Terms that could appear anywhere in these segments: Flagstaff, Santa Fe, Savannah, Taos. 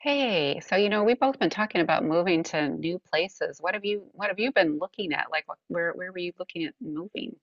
Hey, we've both been talking about moving to new places. What have you been looking at? Like what, where were you looking at moving?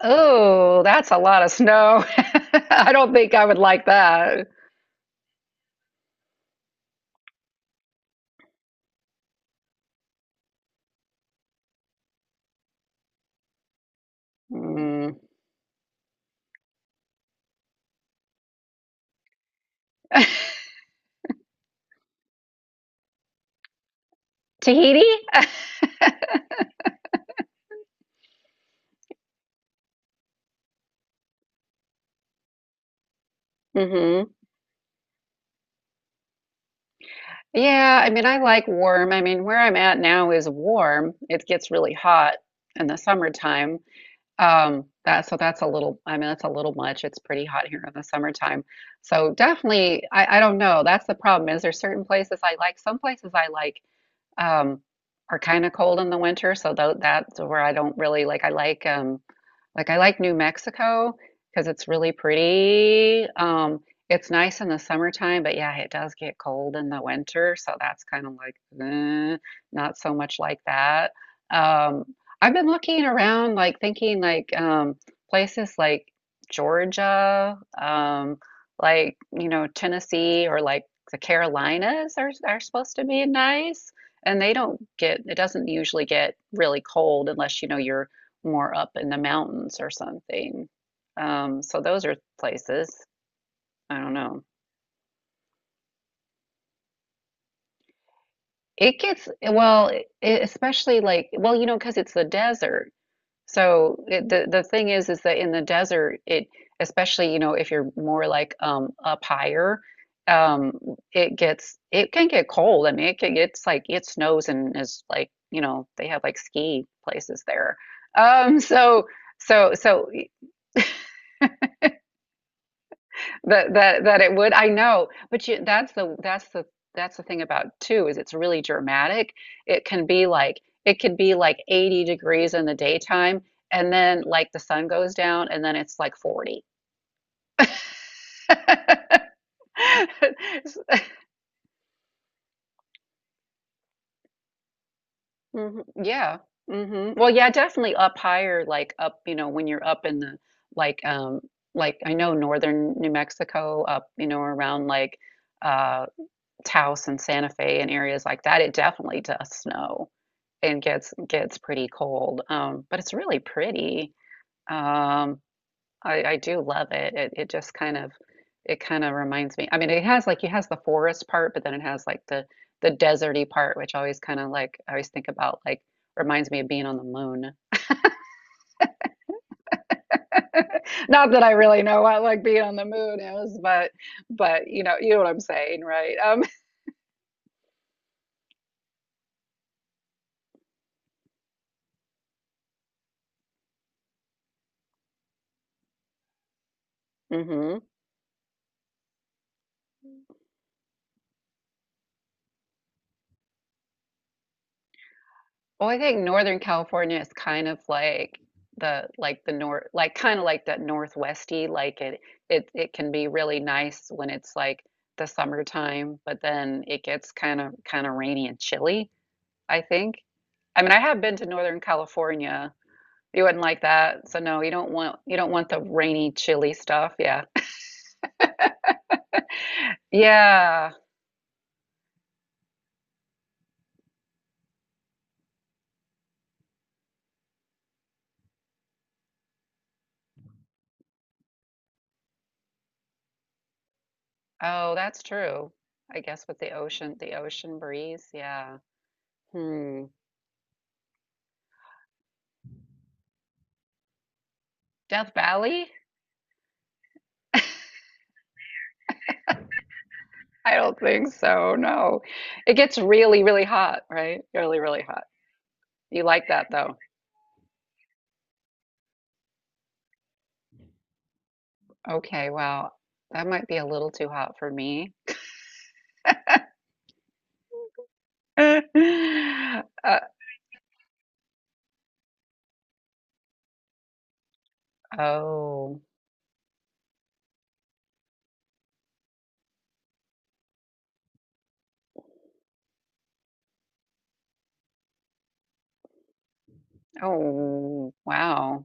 Oh, that's a lot of snow. I don't think I would like that. Mm. Tahiti? hmm Yeah, I mean, I like warm. I mean, where I'm at now is warm. It gets really hot in the summertime. That so that's a little, I mean, that's a little much. It's pretty hot here in the summertime. So definitely, I don't know. That's the problem is there's certain places I like. Some places I like um, are kind of cold in the winter, so that's where I don't really like. I like I like New Mexico because it's really pretty. It's nice in the summertime, but yeah, it does get cold in the winter, so that's kind of like eh, not so much like that. Um, I've been looking around, like thinking like places like Georgia, like you know Tennessee or like the Carolinas are supposed to be nice, and they don't get it doesn't usually get really cold unless you know you're more up in the mountains or something. So those are places. I don't know. It gets well, it, especially like well, you know, because it's the desert. So it, the thing is that in the desert, it especially you know if you're more like up higher, um, it gets it can get cold. I mean, it can, it's like it snows and is like you know they have like ski places there. So so that it would. I know, but you, that's the thing about too is it's really dramatic. It can be like it could be like 80 degrees in the daytime and then like the sun goes down and then it's like 40. Yeah. Well, yeah, definitely up higher like up, you know, when you're up in the like um like I know northern New Mexico up, you know, around like uh Taos and Santa Fe and areas like that, it definitely does snow. And gets pretty cold. But it's really pretty. Um, I do love it. It just kind of it kind of reminds me. I mean, it has like it has the forest part, but then it has like the deserty part, which always kind of like I always think about like reminds me of being on the moon. Not that I really know what like being on the moon is, but you know what I'm saying, right? Um, Well, I think Northern California is kind of like the north like kind of like that northwesty like it can be really nice when it's like the summertime, but then it gets kind of rainy and chilly, I think. I mean, I have been to Northern California. You wouldn't like that. So no, you don't want the rainy, chilly stuff. Yeah. Yeah. Oh, that's true. I guess with the ocean breeze. Yeah. Hmm. Death Valley? I don't think so. No. It gets really, really hot, right? Really, really hot. You like that though. Okay, wow. That might be a little too hot for me. Uh, oh. Oh, wow.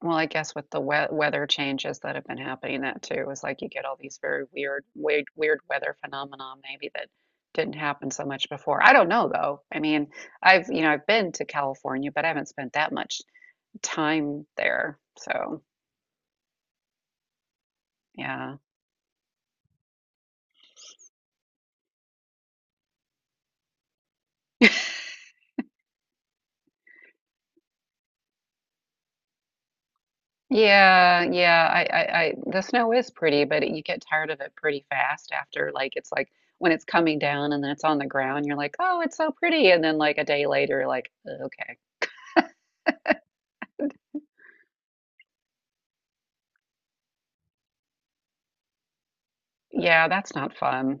Well, I guess with the we weather changes that have been happening, that too is like you get all these very weird, weird, weird weather phenomena maybe that didn't happen so much before. I don't know though. I mean, I've been to California, but I haven't spent that much time there. So. Yeah. Yeah, yeah. The snow is pretty, but it, you get tired of it pretty fast after. Like, it's like when it's coming down and then it's on the ground, you're like, oh, it's so pretty. And then, like, a day later, you're like, okay. Yeah, that's not fun.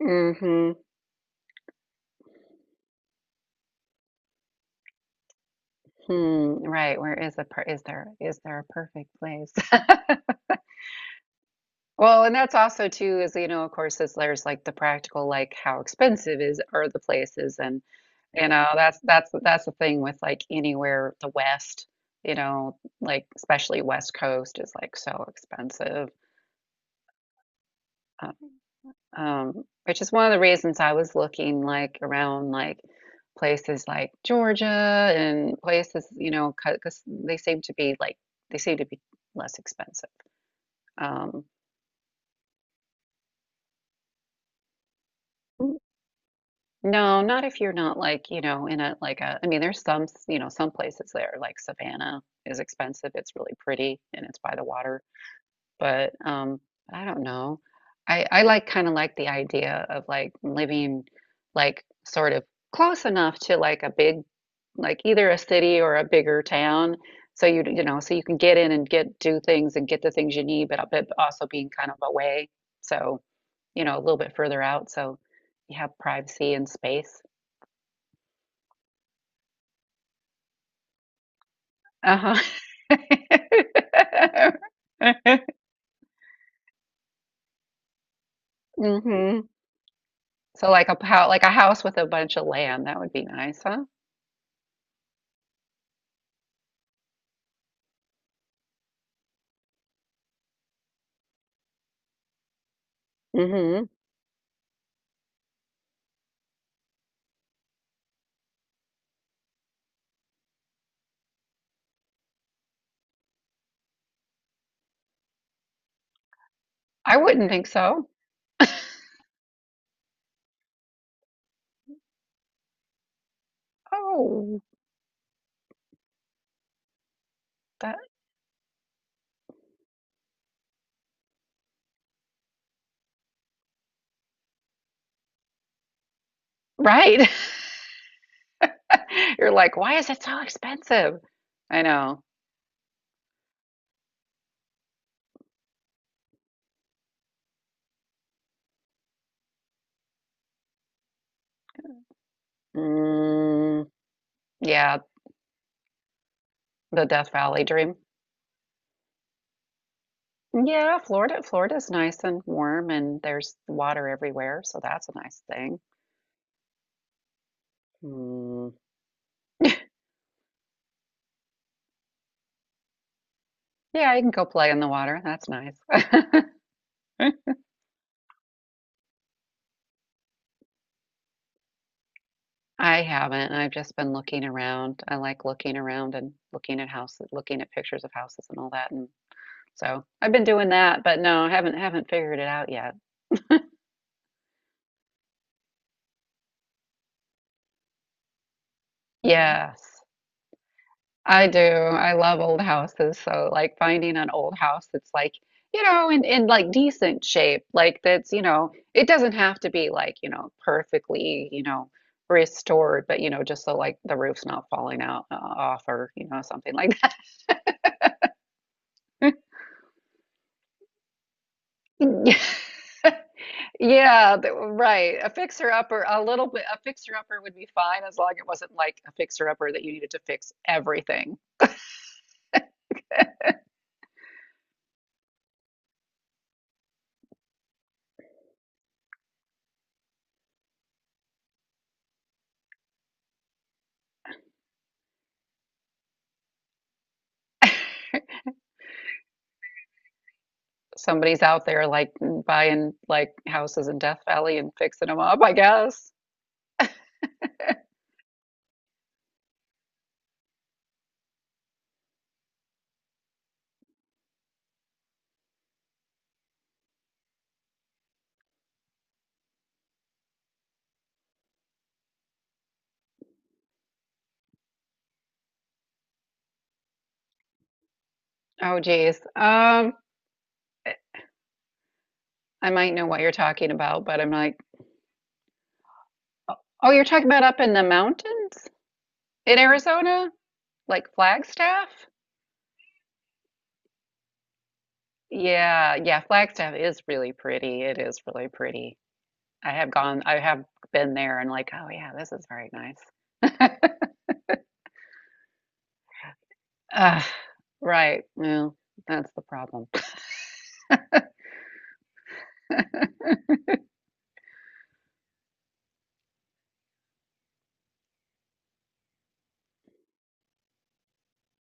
hmm Hmm. Right. Where is the per is there a perfect place? Well, and that's also too is you know of course is there's like the practical like how expensive is are the places and. You know, that's the thing with like anywhere the West, you know, like especially West Coast is like so expensive. Um, which is one of the reasons I was looking like around like places like Georgia and places, you know, because they seem to be like they seem to be less expensive. Um, no, not if you're not like, you know, in a like a, I mean, there's some, you know, some places there like Savannah is expensive. It's really pretty and it's by the water. But I don't know. I like kind of like the idea of like living like sort of close enough to like a big like either a city or a bigger town so you know so you can get in and get do things and get the things you need but also being kind of away so you know a little bit further out so you have privacy and space. Uh-huh. hmm So like a how like a house with a bunch of land that would be nice, huh? hmm I wouldn't think so. Oh, that right. You're like, why is it so expensive? I know. Mm, yeah, the Death Valley dream. Yeah, Florida, Florida's nice and warm and there's water everywhere, so that's a nice thing. Mm, yeah, you can go play in the water. That's nice. I haven't. I've just been looking around. I like looking around and looking at houses, looking at pictures of houses and all that. And. So I've been doing that, but no, I haven't figured it out yet. Yes, I do. I love old houses. So like finding an old house that's like, you know, in like decent shape, like that's, you know, it doesn't have to be like, you know, perfectly, you know, restored, but you know, just so like the roof's not falling out off or, you know, something like that. Yeah, right. A fixer upper, a little bit, a fixer upper would be fine as long as it wasn't like a fixer upper that you needed to fix everything. Somebody's out there like buying like houses in Death Valley and fixing them up, I guess. Oh geez. I might know what you're talking about, but I'm like, oh, oh, you're talking about up in the mountains in Arizona? Like Flagstaff? Yeah, yeah, Flagstaff is really pretty. It is really pretty. I have been there and like, oh yeah, this is very nice. Ah, right. Well, that's the problem.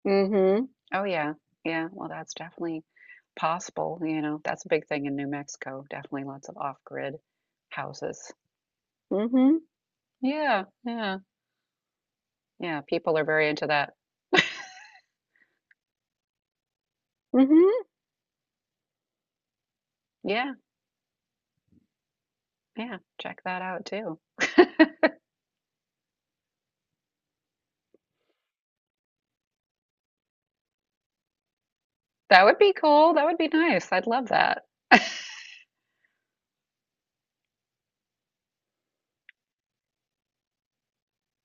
Mhm. Oh, yeah. Yeah. Well, that's definitely possible. You know, that's a big thing in New Mexico. Definitely lots of off-grid houses. Mhm. Yeah. Yeah. Yeah. People are very into that. Mhm. Yeah. Yeah. Check that out too. That would be cool. That would be nice. I'd love that.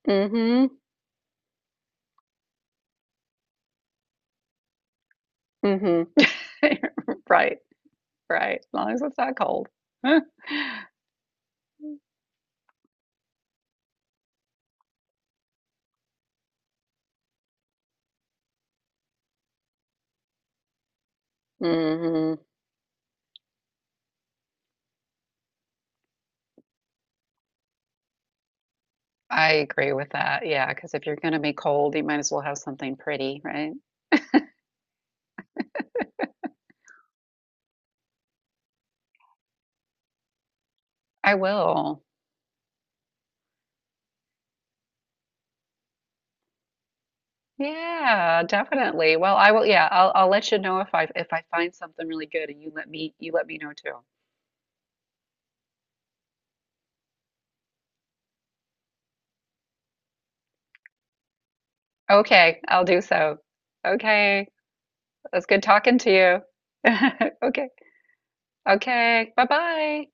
Mhm. mm Mhm. Right. Right. As long as it's not cold. mm Mhm. I agree with that. Yeah, because if you're going to be cold, you might as well have something pretty, right? I will. Yeah, definitely. Well, I will. Yeah, I'll let you know if I find something really good, and you let me know too. Okay, I'll do so. Okay, it was good talking to you. Okay, okay, bye bye.